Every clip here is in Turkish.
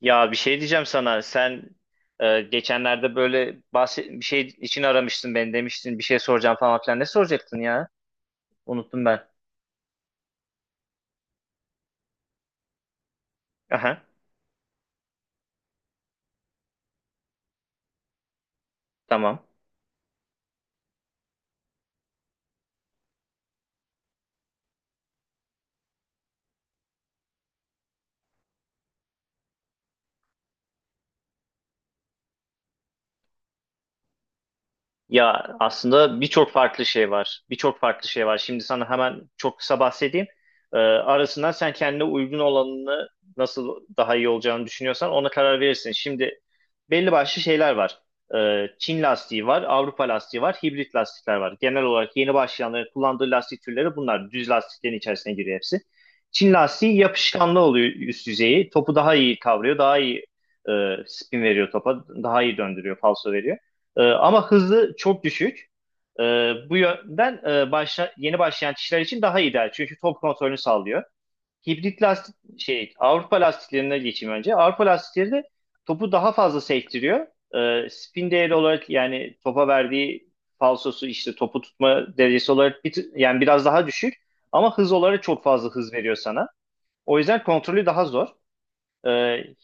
Ya bir şey diyeceğim sana. Sen geçenlerde böyle bahset bir şey için aramıştın beni demiştin. Bir şey soracağım falan filan. Ne soracaktın ya? Unuttum ben. Aha, tamam. Ya aslında birçok farklı şey var. Birçok farklı şey var. Şimdi sana hemen çok kısa bahsedeyim. Arasından sen kendine uygun olanını nasıl daha iyi olacağını düşünüyorsan ona karar verirsin. Şimdi belli başlı şeyler var. Çin lastiği var, Avrupa lastiği var, hibrit lastikler var. Genel olarak yeni başlayanların kullandığı lastik türleri bunlar. Düz lastiklerin içerisine giriyor hepsi. Çin lastiği yapışkanlı oluyor üst yüzeyi. Topu daha iyi kavruyor, daha iyi e, spin veriyor topa, daha iyi döndürüyor, falso veriyor. Ama hızı çok düşük. Ee, Bu yönden yeni başlayan kişiler için daha ideal. Çünkü top kontrolünü sağlıyor. Hibrit lastik şey Avrupa lastiklerine geçeyim önce. Avrupa lastikleri de topu daha fazla sektiriyor. Spin değeri olarak yani topa verdiği falsosu işte topu tutma derecesi olarak yani biraz daha düşük ama hız olarak çok fazla hız veriyor sana. O yüzden kontrolü daha zor. E,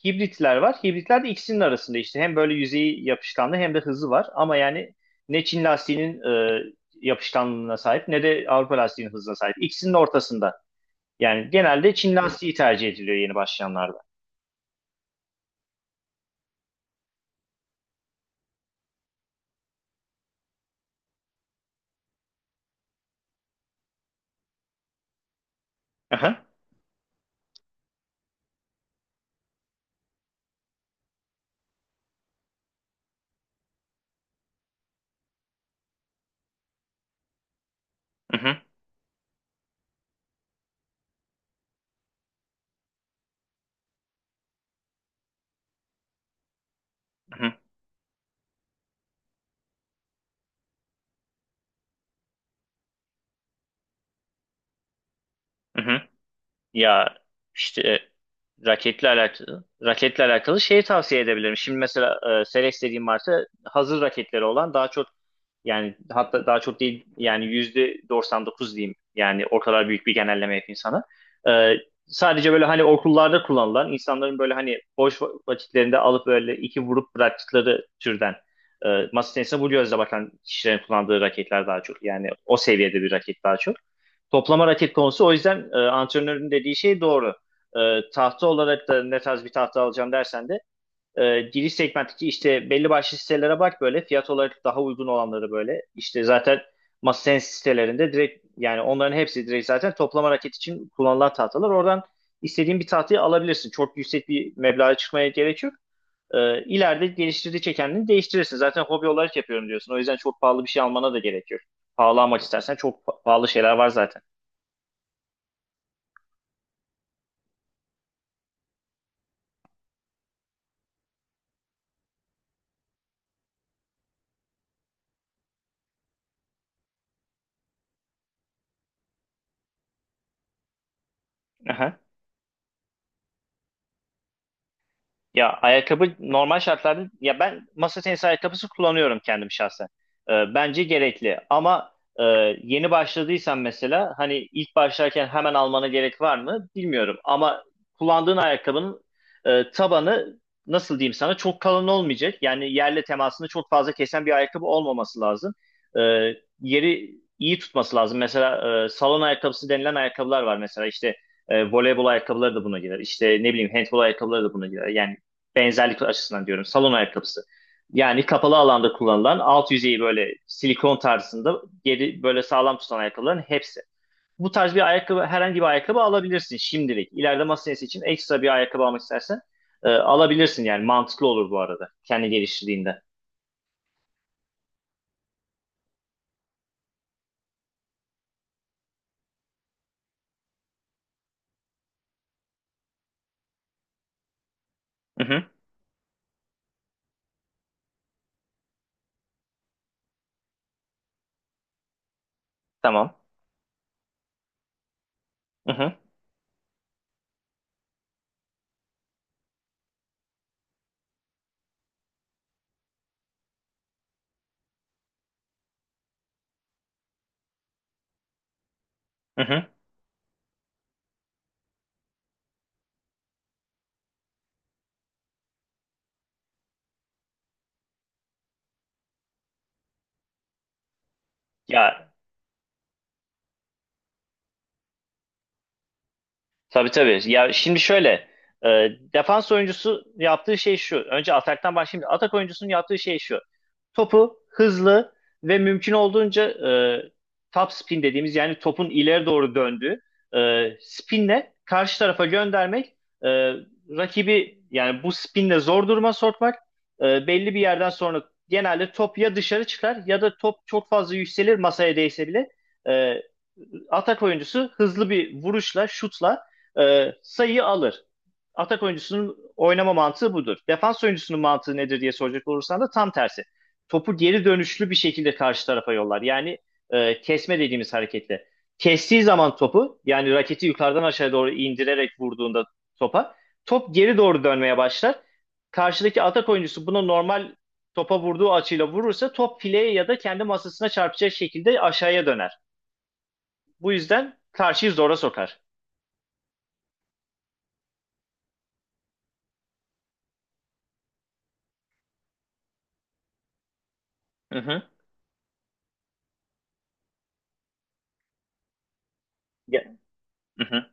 Hibritler var. Hibritler de ikisinin arasında işte. Hem böyle yüzeyi yapışkanlı hem de hızı var. Ama yani ne Çin lastiğinin e, yapışkanlığına sahip ne de Avrupa lastiğinin hızına sahip. İkisinin ortasında. Yani genelde Çin lastiği tercih ediliyor yeni başlayanlarda. Aha, aha, aha, aha. Ya işte raketle alakalı raketle alakalı şeyi tavsiye edebilirim. Şimdi mesela Selex dediğim marka hazır raketleri olan daha çok yani hatta daha çok değil yani %99 diyeyim. Yani o kadar büyük bir genelleme yapayım sana. E, Sadece böyle hani okullarda kullanılan insanların böyle hani boş vakitlerinde alıp böyle iki vurup bıraktıkları türden masa tenisine bu gözle bakan kişilerin kullandığı raketler daha çok. Yani o seviyede bir raket daha çok. Toplama raket konusu o yüzden antrenörün dediği şey doğru. Tahta olarak da ne tarz bir tahta alacağım dersen de giriş segmentteki işte belli başlı sitelere bak böyle fiyat olarak daha uygun olanları böyle. İşte zaten MasterSense sitelerinde direkt yani onların hepsi direkt zaten toplama raket için kullanılan tahtalar. Oradan istediğin bir tahtayı alabilirsin. Çok yüksek bir meblağa çıkmaya gerek yok. İleride geliştirdikçe kendini değiştirirsin. Zaten hobi olarak yapıyorum diyorsun. O yüzden çok pahalı bir şey almana da gerek yok. Pahalı almak istersen çok pahalı şeyler var zaten. Aha. Ya ayakkabı normal şartlarda ya ben masa tenisi ayakkabısı kullanıyorum kendim şahsen. Bence gerekli ama e, yeni başladıysan mesela hani ilk başlarken hemen almana gerek var mı bilmiyorum. Ama kullandığın ayakkabının tabanı nasıl diyeyim sana çok kalın olmayacak. Yani yerle temasını çok fazla kesen bir ayakkabı olmaması lazım. Ee, Yeri iyi tutması lazım. Mesela salon ayakkabısı denilen ayakkabılar var mesela işte. Voleybol ayakkabıları da buna girer. İşte ne bileyim handbol ayakkabıları da buna girer. Yani benzerlik açısından diyorum. Salon ayakkabısı. Yani kapalı alanda kullanılan alt yüzeyi böyle silikon tarzında geri böyle sağlam tutan ayakkabıların hepsi. Bu tarz bir ayakkabı herhangi bir ayakkabı alabilirsin şimdilik. İleride masa tenisi için ekstra bir ayakkabı almak istersen alabilirsin yani mantıklı olur bu arada kendi geliştirdiğinde. Hı hı, tamam. Hı hı, hı hı. Ya tabii tabii. Ya şimdi şöyle e, defans oyuncusu yaptığı şey şu. Önce ataktan başlayayım. Atak oyuncusunun yaptığı şey şu. Topu hızlı ve mümkün olduğunca e, top spin dediğimiz yani topun ileri doğru döndüğü spinle karşı tarafa göndermek, e, rakibi yani bu spinle zor duruma sokmak belli bir yerden sonra genelde top ya dışarı çıkar ya da top çok fazla yükselir masaya değse bile e, atak oyuncusu hızlı bir vuruşla, şutla sayıyı alır. Atak oyuncusunun oynama mantığı budur. Defans oyuncusunun mantığı nedir diye soracak olursan da tam tersi topu geri dönüşlü bir şekilde karşı tarafa yollar. Yani kesme dediğimiz hareketle. Kestiği zaman topu yani raketi yukarıdan aşağı doğru indirerek vurduğunda topa top geri doğru dönmeye başlar. Karşıdaki atak oyuncusu bunu normal topa vurduğu açıyla vurursa top fileye ya da kendi masasına çarpacak şekilde aşağıya döner. Bu yüzden karşıyı zora sokar. Hı hı. Ya, hı hı.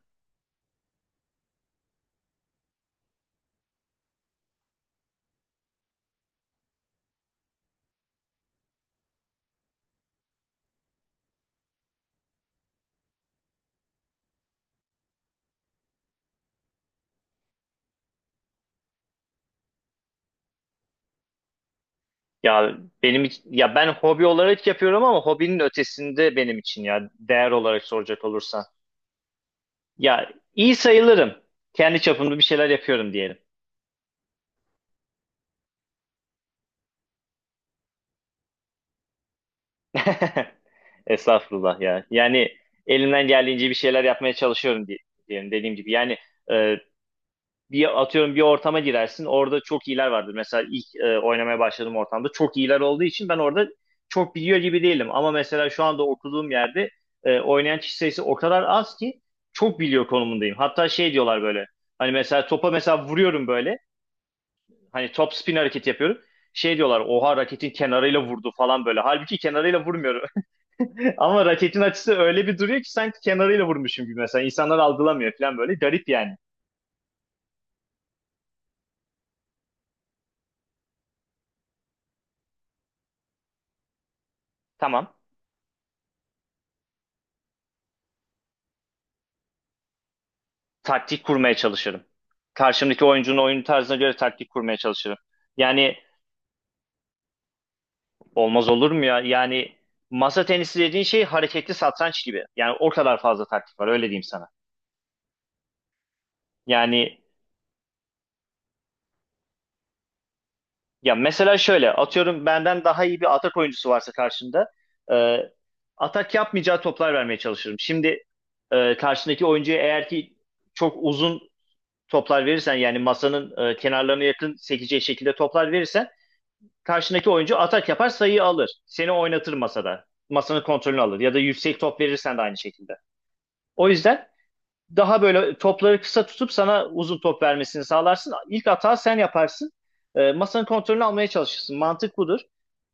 Ya Ya ben hobi olarak yapıyorum ama hobinin ötesinde benim için ya değer olarak soracak olursan. Ya iyi sayılırım. Kendi çapımda bir şeyler yapıyorum diyelim. Estağfurullah ya. Yani elimden geldiğince bir şeyler yapmaya çalışıyorum diyelim dediğim gibi. Yani e, bir atıyorum bir ortama girersin. Orada çok iyiler vardır. Mesela ilk oynamaya başladığım ortamda çok iyiler olduğu için ben orada çok biliyor gibi değilim. Ama mesela şu anda okuduğum yerde oynayan kişi sayısı o kadar az ki çok biliyor konumundayım. Hatta şey diyorlar böyle. Hani mesela topa mesela vuruyorum böyle. Hani top spin hareket yapıyorum. Şey diyorlar oha raketin kenarıyla vurdu falan böyle. Halbuki kenarıyla vurmuyorum. Ama raketin açısı öyle bir duruyor ki sanki kenarıyla vurmuşum gibi mesela. İnsanlar algılamıyor falan böyle. Garip yani. Tamam. Taktik kurmaya çalışırım. Karşımdaki oyuncunun oyun tarzına göre taktik kurmaya çalışırım. Yani olmaz olur mu ya? Yani masa tenisi dediğin şey hareketli satranç gibi. Yani o kadar fazla taktik var öyle diyeyim sana. Yani ya mesela şöyle atıyorum benden daha iyi bir atak oyuncusu varsa karşında e, atak yapmayacağı toplar vermeye çalışırım. Şimdi karşındaki oyuncuya eğer ki çok uzun toplar verirsen yani masanın kenarlarına yakın sekeceği şekilde toplar verirsen karşındaki oyuncu atak yapar sayıyı alır. Seni oynatır masada. Masanın kontrolünü alır ya da yüksek top verirsen de aynı şekilde. O yüzden daha böyle topları kısa tutup sana uzun top vermesini sağlarsın. İlk hata sen yaparsın. Masanın kontrolünü almaya çalışırsın. Mantık budur.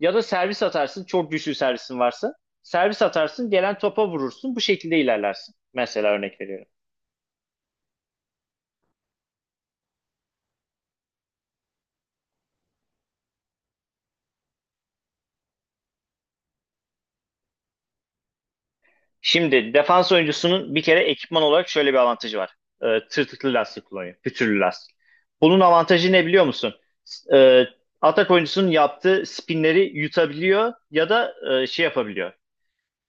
Ya da servis atarsın. Çok güçlü servisin varsa. Servis atarsın. Gelen topa vurursun. Bu şekilde ilerlersin. Mesela örnek veriyorum. Şimdi defans oyuncusunun bir kere ekipman olarak şöyle bir avantajı var. Tırtıklı lastik kullanıyor. Pütürlü lastik. Bunun avantajı ne biliyor musun? S- E, Atak oyuncusunun yaptığı spinleri yutabiliyor ya da şey yapabiliyor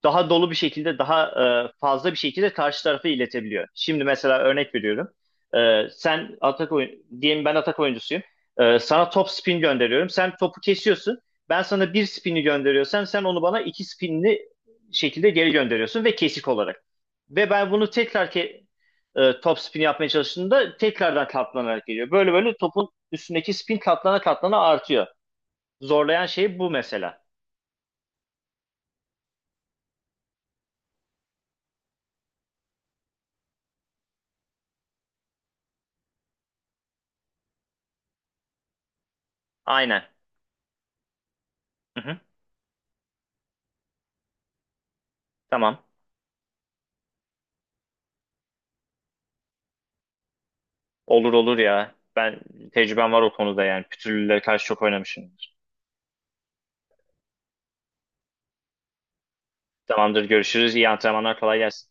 daha dolu bir şekilde, daha fazla bir şekilde karşı tarafa iletebiliyor. Şimdi mesela örnek veriyorum. E, sen atak oyun, Diyelim ben atak oyuncusuyum. Sana top spin gönderiyorum. Sen topu kesiyorsun. Ben sana bir spini gönderiyorsam sen onu bana iki spinli şekilde geri gönderiyorsun ve kesik olarak. Ve ben bunu tekrar top spin yapmaya çalıştığımda tekrardan katlanarak geliyor. Böyle böyle topun üstündeki spin katlana katlana artıyor. Zorlayan şey bu mesela. Aynen. Hı hı. Tamam. Olur olur ya. Ben tecrübem var o konuda yani. Pütürlülere karşı çok oynamışım. Tamamdır görüşürüz. İyi antrenmanlar kolay gelsin.